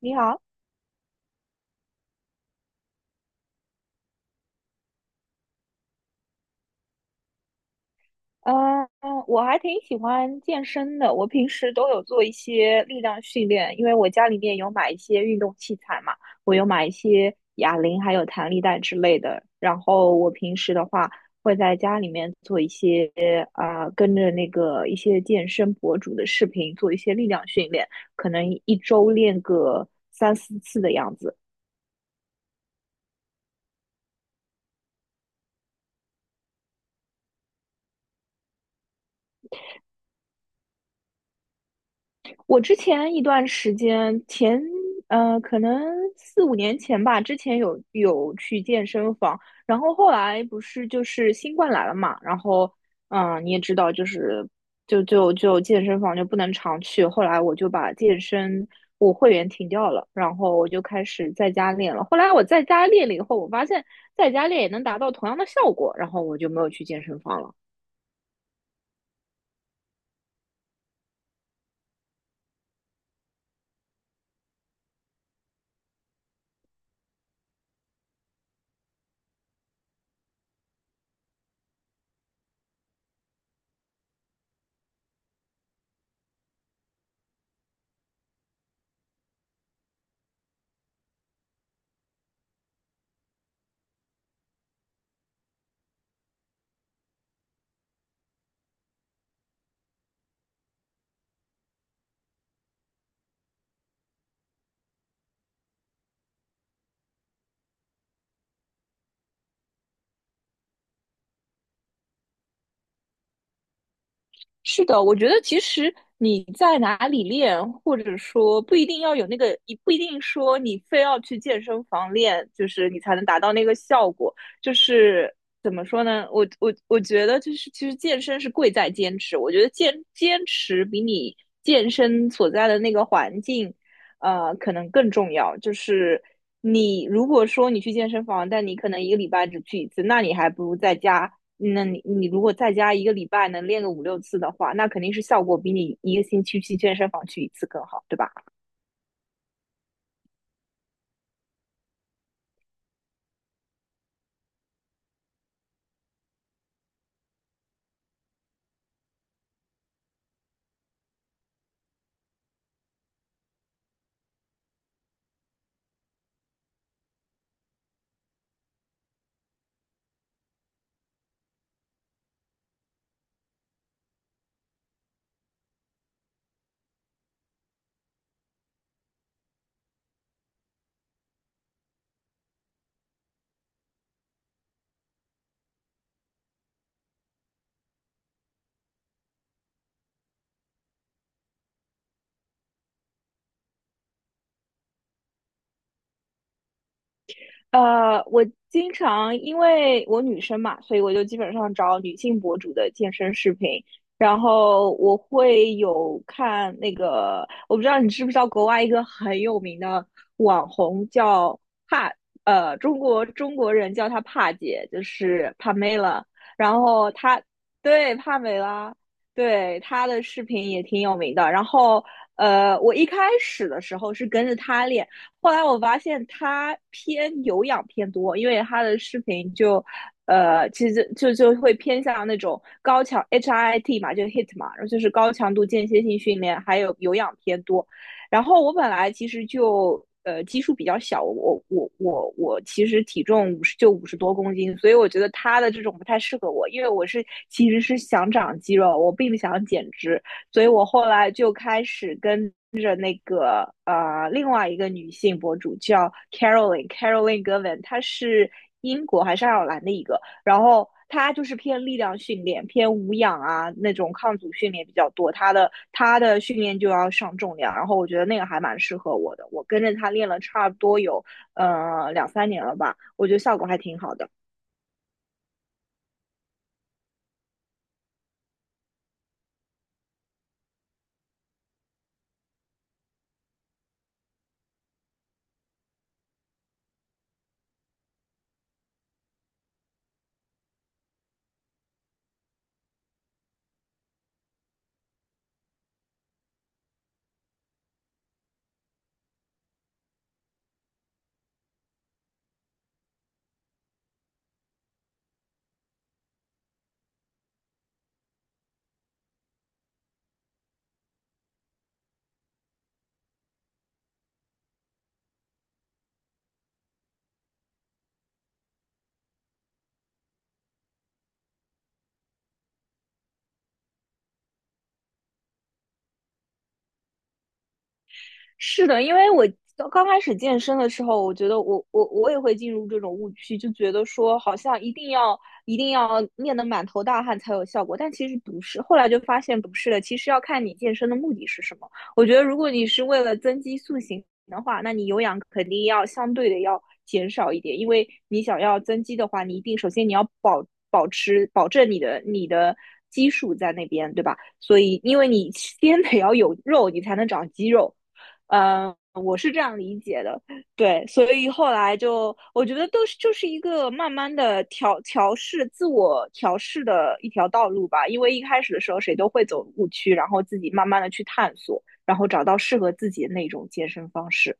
你好，嗯，我还挺喜欢健身的。我平时都有做一些力量训练，因为我家里面有买一些运动器材嘛，我有买一些哑铃，还有弹力带之类的。然后我平时的话，会在家里面做一些跟着那个一些健身博主的视频做一些力量训练，可能一周练个3、4次的样子。我之前一段时间前，可能4、5年前吧，之前有去健身房，然后后来不是就是新冠来了嘛，然后，你也知道，就是就健身房就不能常去，后来我就把我会员停掉了，然后我就开始在家练了。后来我在家练了以后，我发现在家练也能达到同样的效果，然后我就没有去健身房了。是的，我觉得其实你在哪里练，或者说不一定要有那个，你不一定说你非要去健身房练，就是你才能达到那个效果。就是怎么说呢？我觉得就是其实健身是贵在坚持。我觉得坚持比你健身所在的那个环境，可能更重要。就是你如果说你去健身房，但你可能一个礼拜只去一次，那你还不如在家。那你如果在家一个礼拜能练个5、6次的话，那肯定是效果比你一个星期去健身房去一次更好，对吧？我经常因为我女生嘛，所以我就基本上找女性博主的健身视频，然后我会有看那个，我不知道你知不知道国外一个很有名的网红叫帕，中国人叫她帕姐，就是帕梅拉，然后她对，帕梅拉，对她的视频也挺有名的，然后。我一开始的时候是跟着她练，后来我发现他偏有氧偏多，因为他的视频就，其实就会偏向那种HIIT 嘛，就 HIT 嘛，然后就是高强度间歇性训练，还有有氧偏多。然后我本来其实就基数比较小，我其实体重50多公斤，所以我觉得他的这种不太适合我，因为我是其实是想长肌肉，我并不想减脂，所以我后来就开始跟另外一个女性博主叫 Caroline，Caroline Govan，她是英国还是爱尔兰的一个，然后她就是偏力量训练、偏无氧啊那种抗阻训练比较多，她的训练就要上重量，然后我觉得那个还蛮适合我的，我跟着她练了差不多有2、3年了吧，我觉得效果还挺好的。是的，因为我刚开始健身的时候，我觉得我也会进入这种误区，就觉得说好像一定要练得满头大汗才有效果，但其实不是。后来就发现不是的，其实要看你健身的目的是什么。我觉得如果你是为了增肌塑形的话，那你有氧肯定要相对的要减少一点，因为你想要增肌的话，你一定首先你要保证你的。基数在那边，对吧？所以，因为你先得要有肉，你才能长肌肉。我是这样理解的，对，所以后来就我觉得都是就是一个慢慢的调试、自我调试的一条道路吧。因为一开始的时候谁都会走误区，然后自己慢慢的去探索，然后找到适合自己的那种健身方式。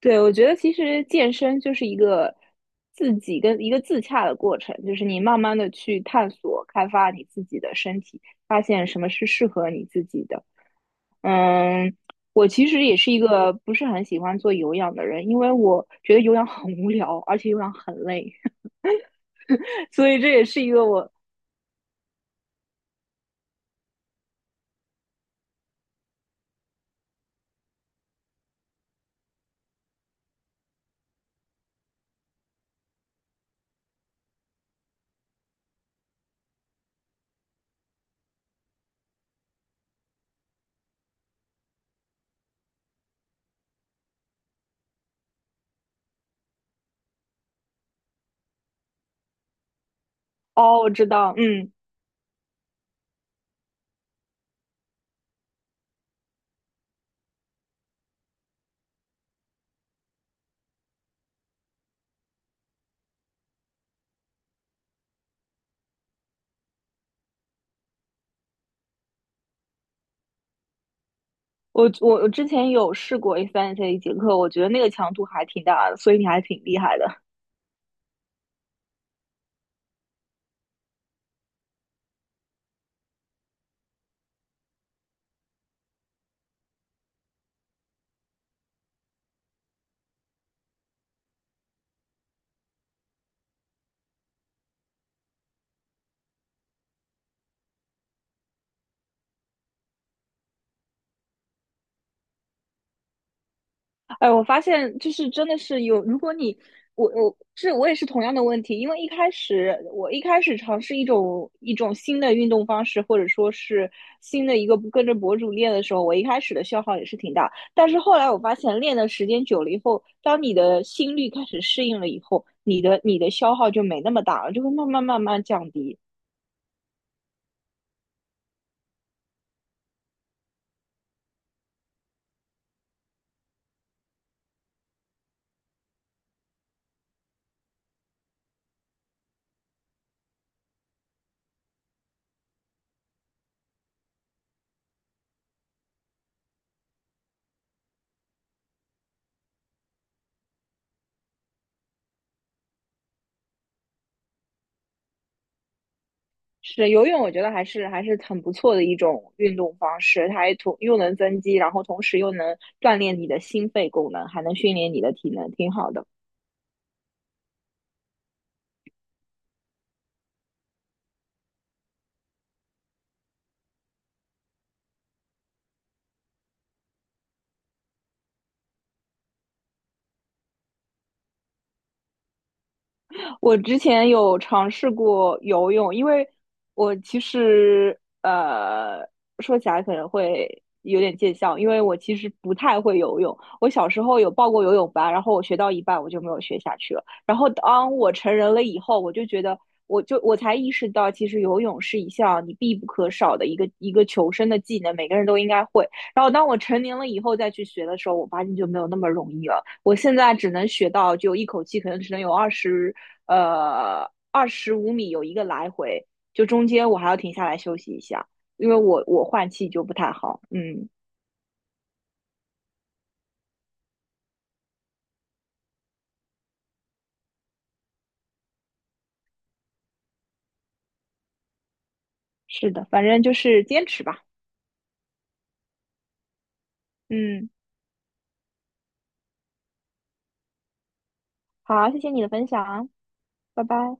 对，我觉得其实健身就是一个自己跟一个自洽的过程，就是你慢慢的去探索、开发你自己的身体，发现什么是适合你自己的。嗯，我其实也是一个不是很喜欢做有氧的人，因为我觉得有氧很无聊，而且有氧很累，所以这也是一个我哦，我知道。嗯，我之前有试过 A3这一节课，我觉得那个强度还挺大的，所以你还挺厉害的。哎，我发现就是真的是有，如果你我也是同样的问题，因为一开始我一开始尝试一种新的运动方式，或者说是新的一个跟着博主练的时候，我一开始的消耗也是挺大，但是后来我发现练的时间久了以后，当你的心率开始适应了以后，你的消耗就没那么大了，就会慢慢慢慢降低。是游泳，我觉得还是很不错的一种运动方式，它还同又能增肌，然后同时又能锻炼你的心肺功能，还能训练你的体能，挺好的。我之前有尝试过游泳，因为我其实说起来可能会有点见笑，因为我其实不太会游泳。我小时候有报过游泳班，然后我学到一半我就没有学下去了。然后当我成人了以后，我就觉得，我才意识到，其实游泳是一项你必不可少的一个求生的技能，每个人都应该会。然后当我成年了以后再去学的时候，我发现就没有那么容易了。我现在只能学到就一口气，可能只能有25米有一个来回，就中间我还要停下来休息一下，因为我换气就不太好。嗯，是的，反正就是坚持吧。嗯，好啊，谢谢你的分享啊，拜拜。